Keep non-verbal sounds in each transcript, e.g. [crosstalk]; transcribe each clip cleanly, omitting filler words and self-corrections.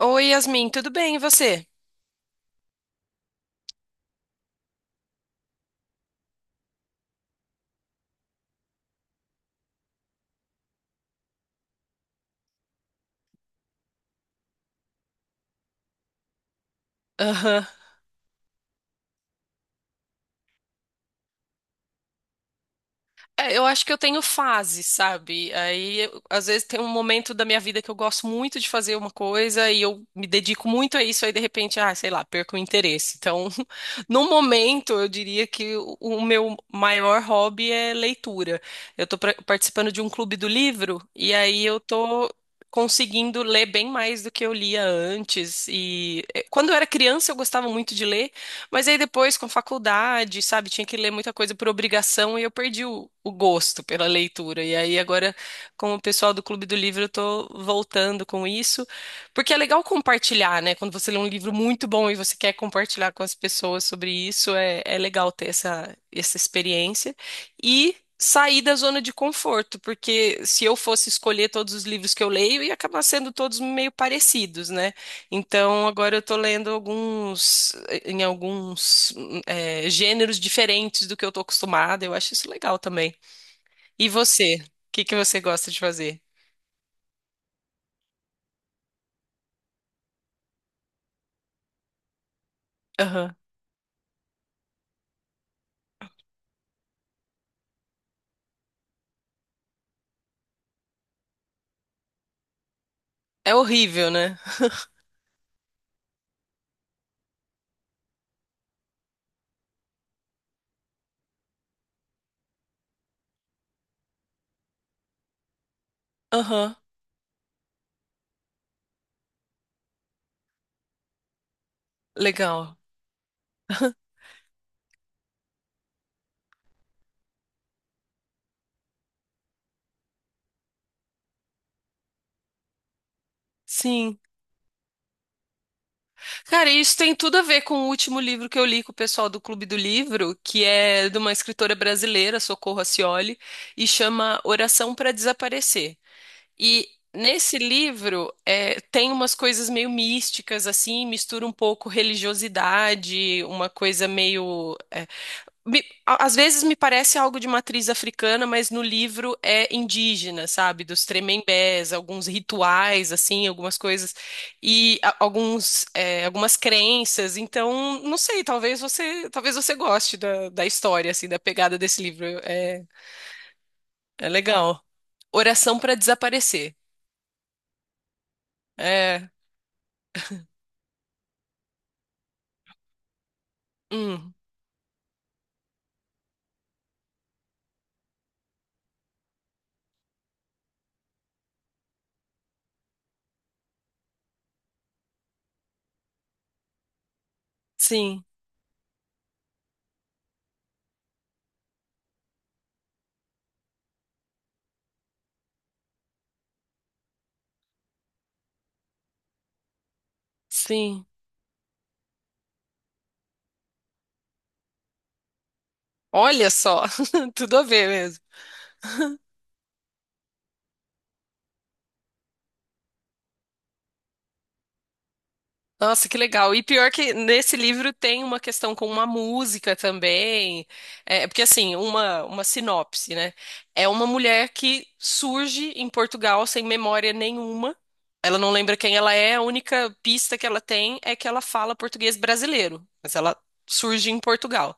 Oi, Yasmin, tudo bem? E você? Aham. É, eu acho que eu tenho fase, sabe? Aí, às vezes, tem um momento da minha vida que eu gosto muito de fazer uma coisa e eu me dedico muito a isso, aí, de repente, ah, sei lá, perco o interesse. Então, [laughs] no momento, eu diria que o meu maior hobby é leitura. Eu tô participando de um clube do livro e aí eu tô conseguindo ler bem mais do que eu lia antes. E quando eu era criança, eu gostava muito de ler. Mas aí depois, com faculdade, sabe, tinha que ler muita coisa por obrigação e eu perdi o gosto pela leitura. E aí agora, com o pessoal do Clube do Livro, eu tô voltando com isso, porque é legal compartilhar, né? Quando você lê um livro muito bom e você quer compartilhar com as pessoas sobre isso, é legal ter essa experiência. E sair da zona de conforto, porque se eu fosse escolher todos os livros que eu leio, ia acabar sendo todos meio parecidos, né? Então, agora eu tô lendo em gêneros diferentes do que eu tô acostumada. Eu acho isso legal também. E você? O que que você gosta de fazer? Aham. É horrível, né? Aham. Legal. Sim. Cara, e isso tem tudo a ver com o último livro que eu li com o pessoal do Clube do Livro, que é de uma escritora brasileira, Socorro Acioli, e chama Oração para Desaparecer. E nesse livro tem umas coisas meio místicas, assim, mistura um pouco religiosidade, uma coisa meio. Às vezes me parece algo de matriz africana, mas no livro é indígena, sabe? Dos tremembés, alguns rituais, assim, algumas coisas, e algumas crenças. Então, não sei, talvez você goste da história, assim, da pegada desse livro. É legal. Oração para Desaparecer. é Hum, sim, sim. Olha só, [laughs] tudo a ver mesmo. Nossa, que legal. E pior que nesse livro tem uma questão com uma música também. É, porque assim, uma sinopse, né? É uma mulher que surge em Portugal sem memória nenhuma. Ela não lembra quem ela é, a única pista que ela tem é que ela fala português brasileiro, mas ela surge em Portugal.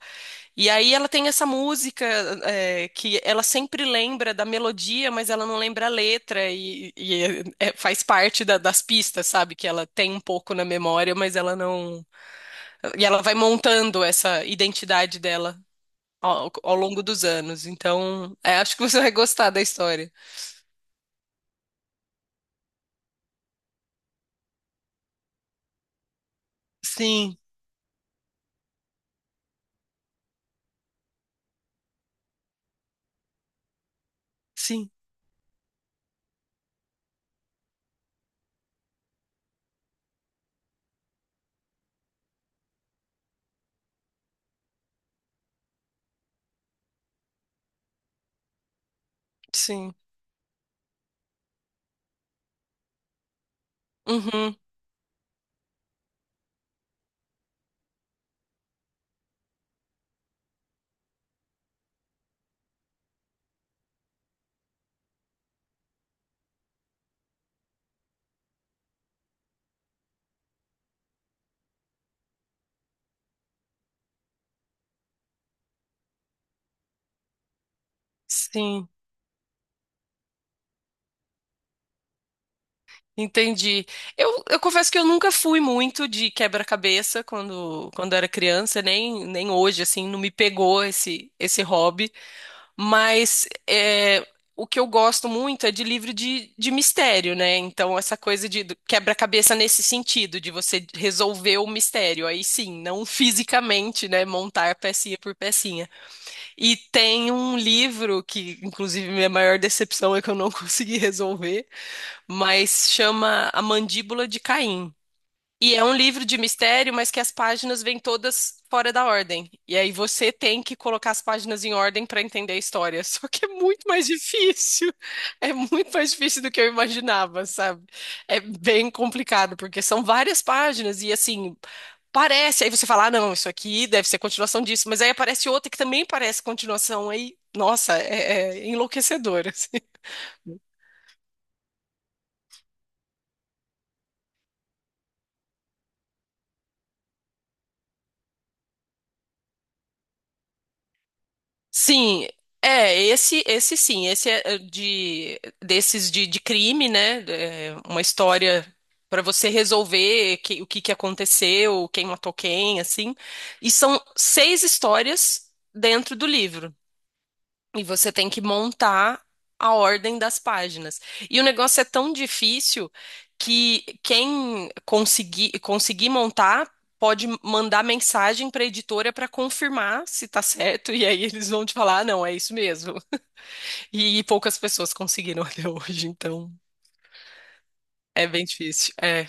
E aí ela tem essa música, que ela sempre lembra da melodia, mas ela não lembra a letra e faz parte das pistas, sabe? Que ela tem um pouco na memória, mas ela não. E ela vai montando essa identidade dela ao longo dos anos. Então, acho que você vai gostar da história. Sim, sim, sim. Uhum, sim. Entendi. Eu confesso que eu nunca fui muito de quebra-cabeça quando era criança, nem hoje, assim, não me pegou esse hobby. Mas o que eu gosto muito é de livro de mistério, né? Então, essa coisa de quebra-cabeça nesse sentido, de você resolver o mistério. Aí sim, não [laughs] fisicamente, né? Montar pecinha por pecinha. E tem um livro que, inclusive, minha maior decepção é que eu não [laughs] consegui resolver, mas chama A Mandíbula de Caim. E é um livro de mistério, mas que as páginas vêm todas fora da ordem. E aí você tem que colocar as páginas em ordem para entender a história. [laughs] Só que é muito mais difícil. É muito mais difícil do que eu imaginava, sabe? É bem complicado, porque são várias páginas e assim, parece. Aí você fala, ah, não, isso aqui deve ser continuação disso. Mas aí aparece outra que também parece continuação. Aí, nossa, é enlouquecedor, [laughs] assim. Sim, é, esse sim, esse é de desses de crime, né? É, uma história para você resolver o que que aconteceu, quem matou quem, assim. E são seis histórias dentro do livro. E você tem que montar a ordem das páginas. E o negócio é tão difícil que quem conseguir montar pode mandar mensagem para a editora para confirmar se tá certo. [laughs] E aí eles vão te falar, ah, não, é isso mesmo. E poucas pessoas conseguiram [laughs] até hoje, então é bem difícil. É.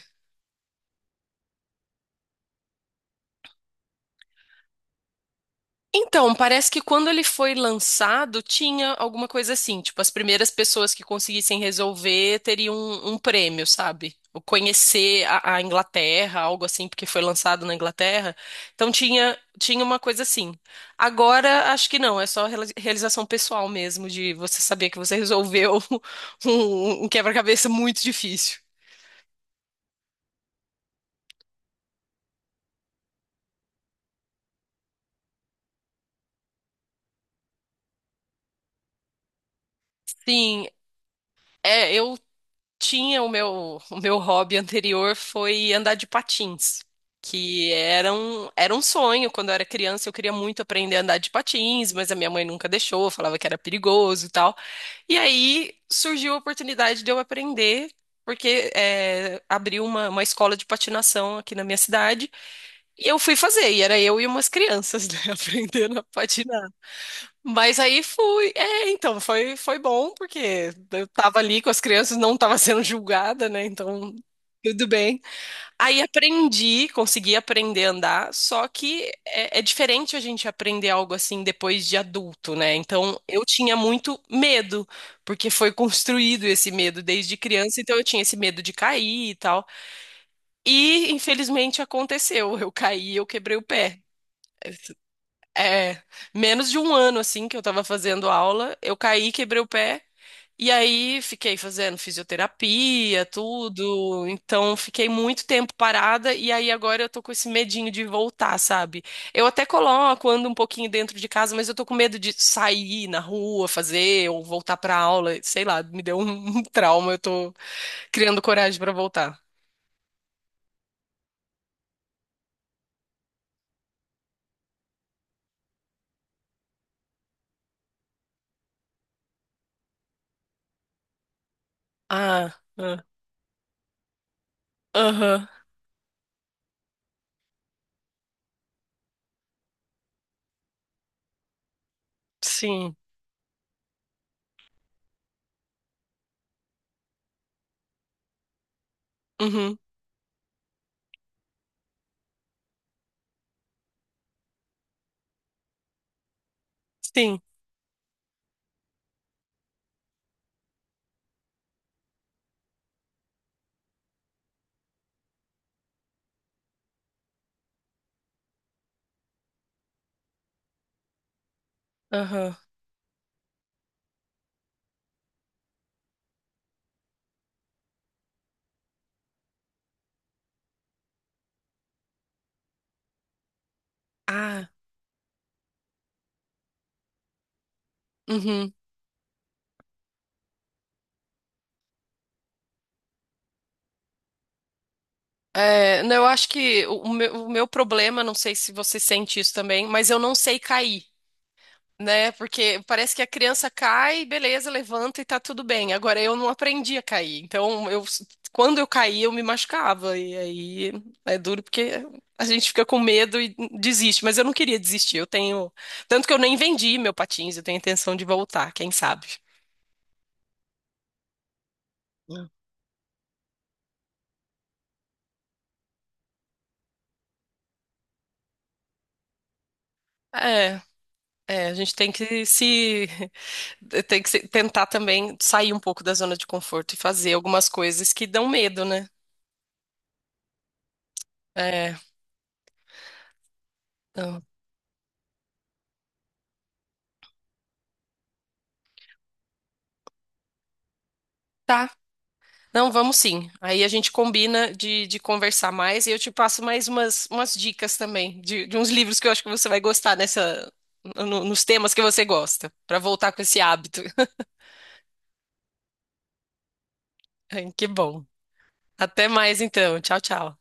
Então, parece que quando ele foi lançado, tinha alguma coisa assim, tipo, as primeiras pessoas que conseguissem resolver teriam um prêmio, sabe? O conhecer a Inglaterra, algo assim, porque foi lançado na Inglaterra. Então tinha uma coisa assim. Agora, acho que não, é só realização pessoal mesmo, de você saber que você resolveu [laughs] um quebra-cabeça muito difícil. Sim, eu tinha o meu, [laughs] o meu hobby anterior foi andar de patins, que era um sonho. Quando eu era criança, eu queria muito aprender a andar de patins, mas a minha mãe nunca deixou, falava que era perigoso e tal. E aí surgiu a oportunidade de eu aprender. Porque abriu uma escola de patinação aqui na minha cidade e eu fui fazer, e era eu e umas crianças, né, [laughs] aprendendo a patinar. Mas aí fui. É, então, foi bom, porque eu tava ali com as crianças, não tava [laughs] sendo julgada, né? Então, tudo bem. Aí aprendi, consegui aprender a andar, só que é diferente a gente aprender algo assim depois de adulto, né? Então, eu tinha muito medo, porque foi construído esse medo desde criança, então eu tinha esse medo de cair e tal. E, infelizmente, aconteceu. Eu caí, eu quebrei o pé. É, menos de 1 ano assim que eu tava fazendo aula, eu caí, quebrei o pé e aí fiquei fazendo fisioterapia, tudo. Então fiquei muito tempo parada e aí agora eu tô com esse medinho de voltar, sabe? Eu até coloco, ando um pouquinho dentro de casa, mas eu tô com medo de sair na rua, fazer ou voltar pra aula, sei lá, me deu um [laughs] um trauma, eu tô criando coragem pra voltar. Ah, ah, aham, sim. Uhum, sim. Aham. Ah, uhum. É, não, eu acho que o meu, o meu, problema, não sei se você sente isso também, mas eu não sei cair, né? Porque parece que a criança cai, beleza, levanta e tá tudo bem. Agora eu não aprendi a cair. Então, eu, quando eu caí, eu me machucava. E aí é duro porque a gente fica com medo e desiste. Mas eu não queria desistir. Eu tenho. Tanto que eu nem vendi meu patins, eu tenho intenção de voltar, quem sabe? É, é, a gente tem que se. Tem que tentar também sair um pouco da zona de conforto e fazer algumas coisas que dão medo, né? É, não. Tá. Não, vamos sim. Aí a gente combina de conversar mais e eu te passo mais umas dicas também de uns livros que eu acho que você vai gostar nessa, no- nos temas que você gosta, para voltar com esse hábito. [laughs] Ai, que bom. Até mais então. Tchau, tchau.